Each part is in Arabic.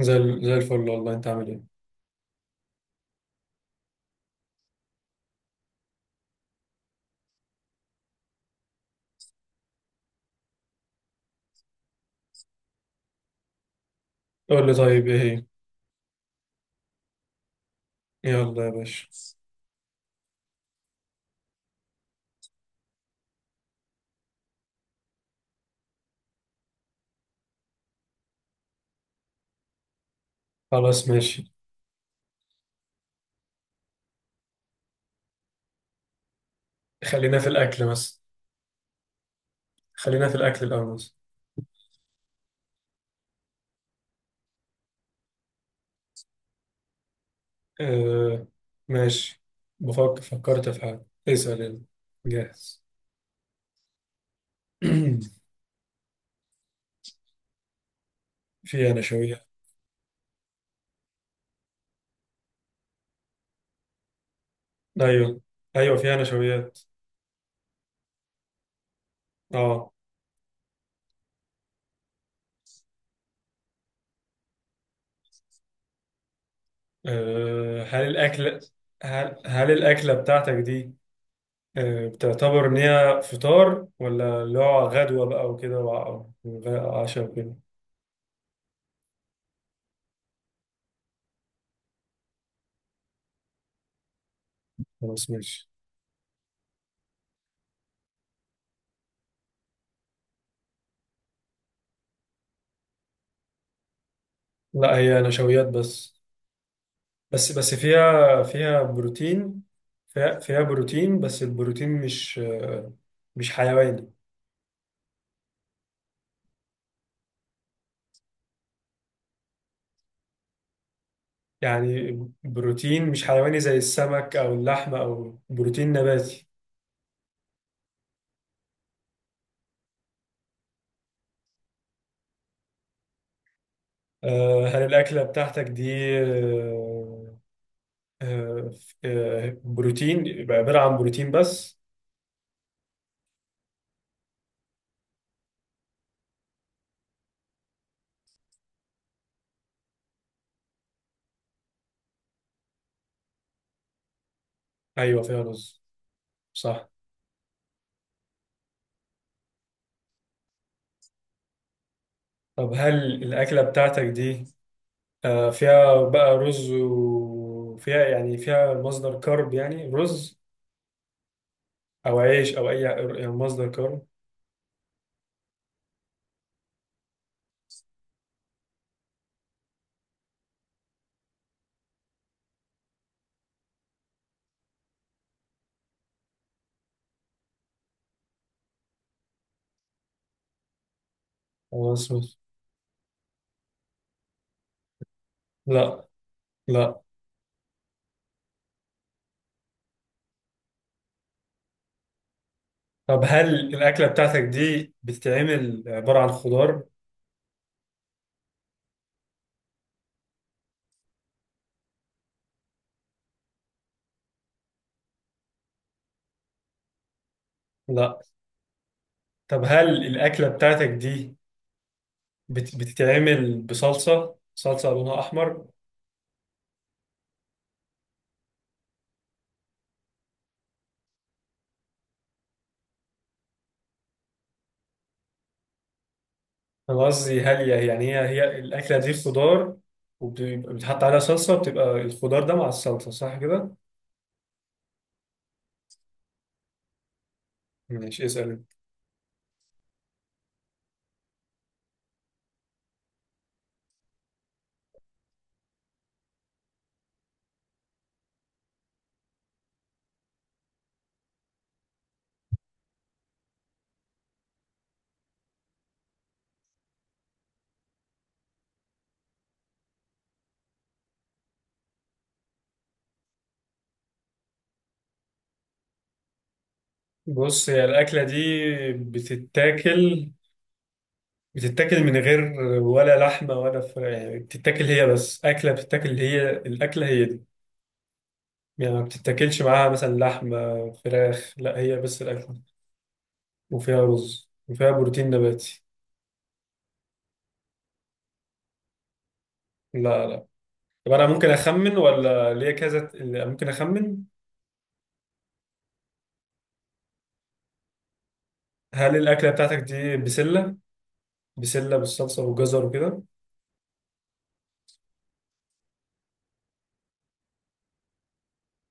زي الفل، والله انت عامل ايه؟ قول لي طيب، ايه هي؟ يلا يا باشا. خلاص ماشي. خلينا في الاكل بس. خلينا في الاكل الاول بس. آه ماشي. بفكر. فكرت في حاجه، اسال يلا. جاهز. فيها نشويات. ايوه، ايوه فيها نشويات. اه. هل الاكل، هل الاكله بتاعتك دي بتعتبر ان هي فطار، ولا اللي هو غدوه بقى وكده وعشاء وكده؟ خلاص ماشي. لا هي نشويات بس. بس فيها بروتين. فيها بروتين، بس البروتين مش، مش حيواني. يعني بروتين مش حيواني زي السمك او اللحمة، او بروتين نباتي. هل الأكلة بتاعتك دي، آه، بروتين، يبقى عبارة عن بروتين بس؟ أيوة فيها رز. صح. طب هل الأكلة بتاعتك دي فيها بقى رز، وفيها يعني فيها مصدر كرب، يعني رز أو عيش أو أي يعني مصدر كرب؟ أو أسمس؟ لا لا. طب هل الأكلة بتاعتك دي بتتعمل عبارة عن خضار؟ لا. طب هل الأكلة بتاعتك دي بتتعمل بصلصة؟ صلصة لونها أحمر؟ أنا قصدي هل يعني هي الأكلة دي خضار، وبتحط عليها صلصة، بتبقى الخضار ده مع الصلصة، صح كده؟ ماشي اسأل. بص، هي الأكلة دي بتتاكل، بتتاكل من غير، ولا لحمه ولا فراخ؟ يعني بتتاكل هي بس اكله، بتتاكل هي الاكله هي دي؟ يعني ما بتتاكلش معاها مثلا لحمه، فراخ، لا هي بس الاكله. وفيها رز وفيها بروتين نباتي. لا لا. طب انا ممكن اخمن، ولا ليا كذا؟ ممكن اخمن. هل الاكله بتاعتك دي بسله؟ بسله بالصلصه وجزر وكده؟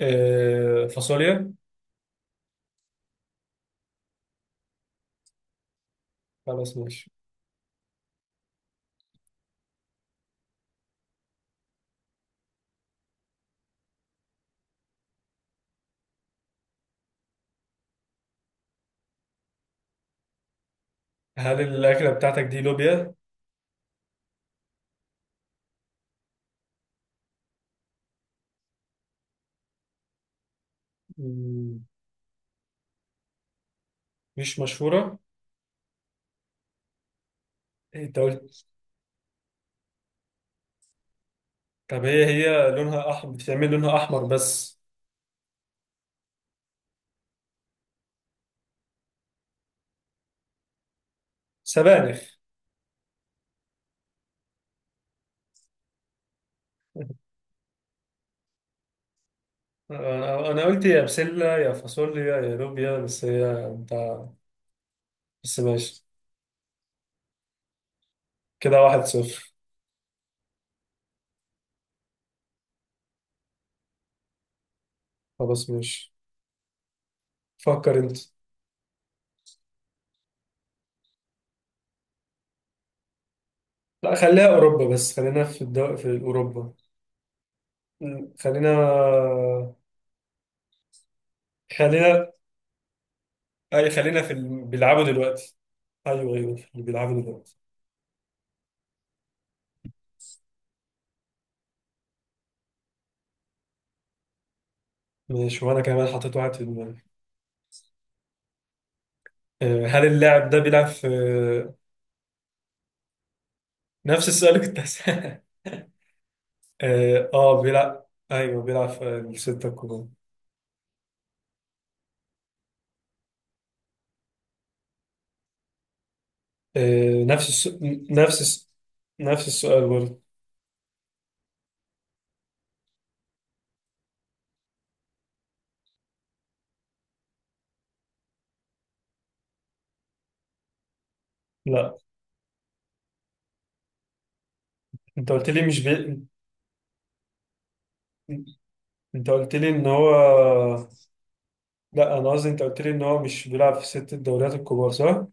فاصوليا؟ خلاص ماشي. هل الاكله بتاعتك دي لوبيا؟ مم، مش مشهوره. انت قلت، طب هي لونها احمر؟ بتتعمل لونها احمر بس؟ سبانخ. انا قلت يا بسله يا فاصوليا يا لوبيا، بس هي انت. بس ماشي، كده واحد صفر. خلاص ماشي. فكر انت. لا خليها اوروبا بس، خلينا في في اوروبا. م، خلينا اي، خلينا في اللي بيلعبوا دلوقتي. ايوه ايوه، في اللي بيلعبوا دلوقتي. ماشي، وانا كمان حطيت واحد في دماغي. هل اللاعب ده بيلعب في، نفس السؤال اللي كنت هسأله. اه بيلعب. ايوه بيلعب في الستة الكبار. آه نفس الس... نفس الس... نفس السؤال برضه. لا انت قلت لي مش بي... انت قلت لي ان هو، لا انا قصدي انت قلت لي ان هو مش بيلعب في ست الدوريات الكبار، صح؟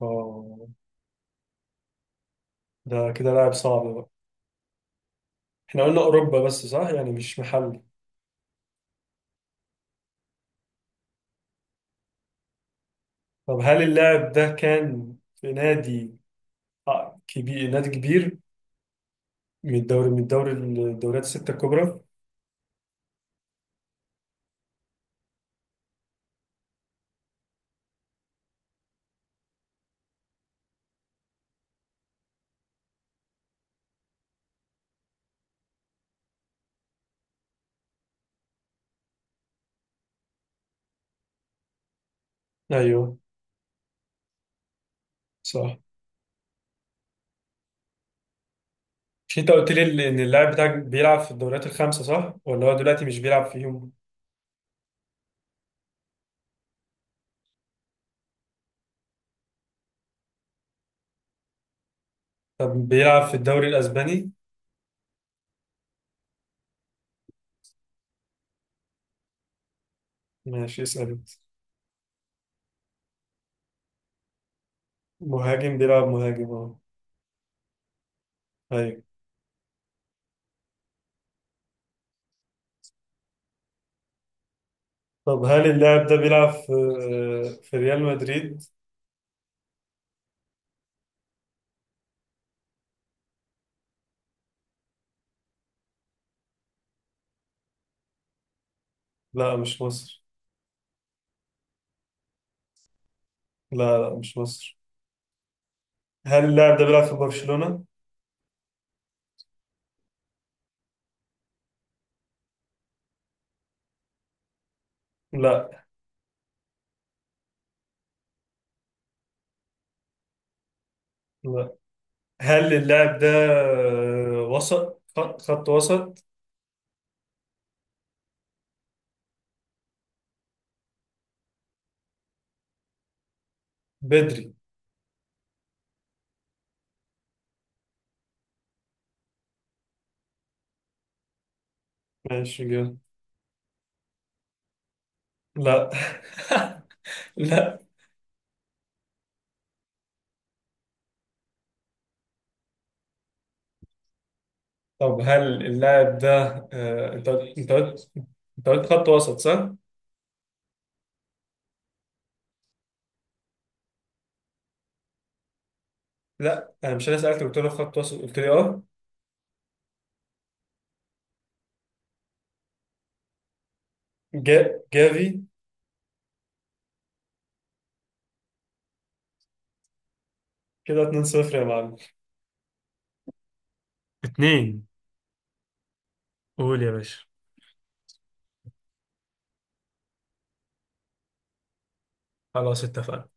اه. ده كده لاعب صعب بقى. احنا قلنا اوروبا بس، صح؟ يعني مش محلي. طب هل اللاعب ده كان في نادي، كبير، نادي كبير، من الدوري الدوريات الستة الكبرى؟ ايوه صح. مش انت قلت لي ان اللاعب بتاعك بيلعب في الدوريات الخمسة، صح؟ ولا هو دلوقتي مش بيلعب فيهم؟ طب بيلعب في الدوري الاسباني؟ ماشي اسأل انت. مهاجم، بيلعب مهاجم اه. ايوه. طب هل اللاعب ده بيلعب في في ريال مدريد؟ لا مش مصر. لا لا مش مصر. هل اللاعب ده بيلعب في برشلونة؟ لا. لا. هل اللاعب ده وسط، خط وسط؟ بدري؟ ماشي جامد. لا. لا. طب هل اللاعب ده، آه، انت قلت انت قلت انت قلت خط وسط، صح؟ لا انا مش، انا سالتك قلت له خط وسط، قلت لي اه. جافي؟ كده، 2-0 يا معلم. اتنين. قول يا باشا. خلاص اتفقنا.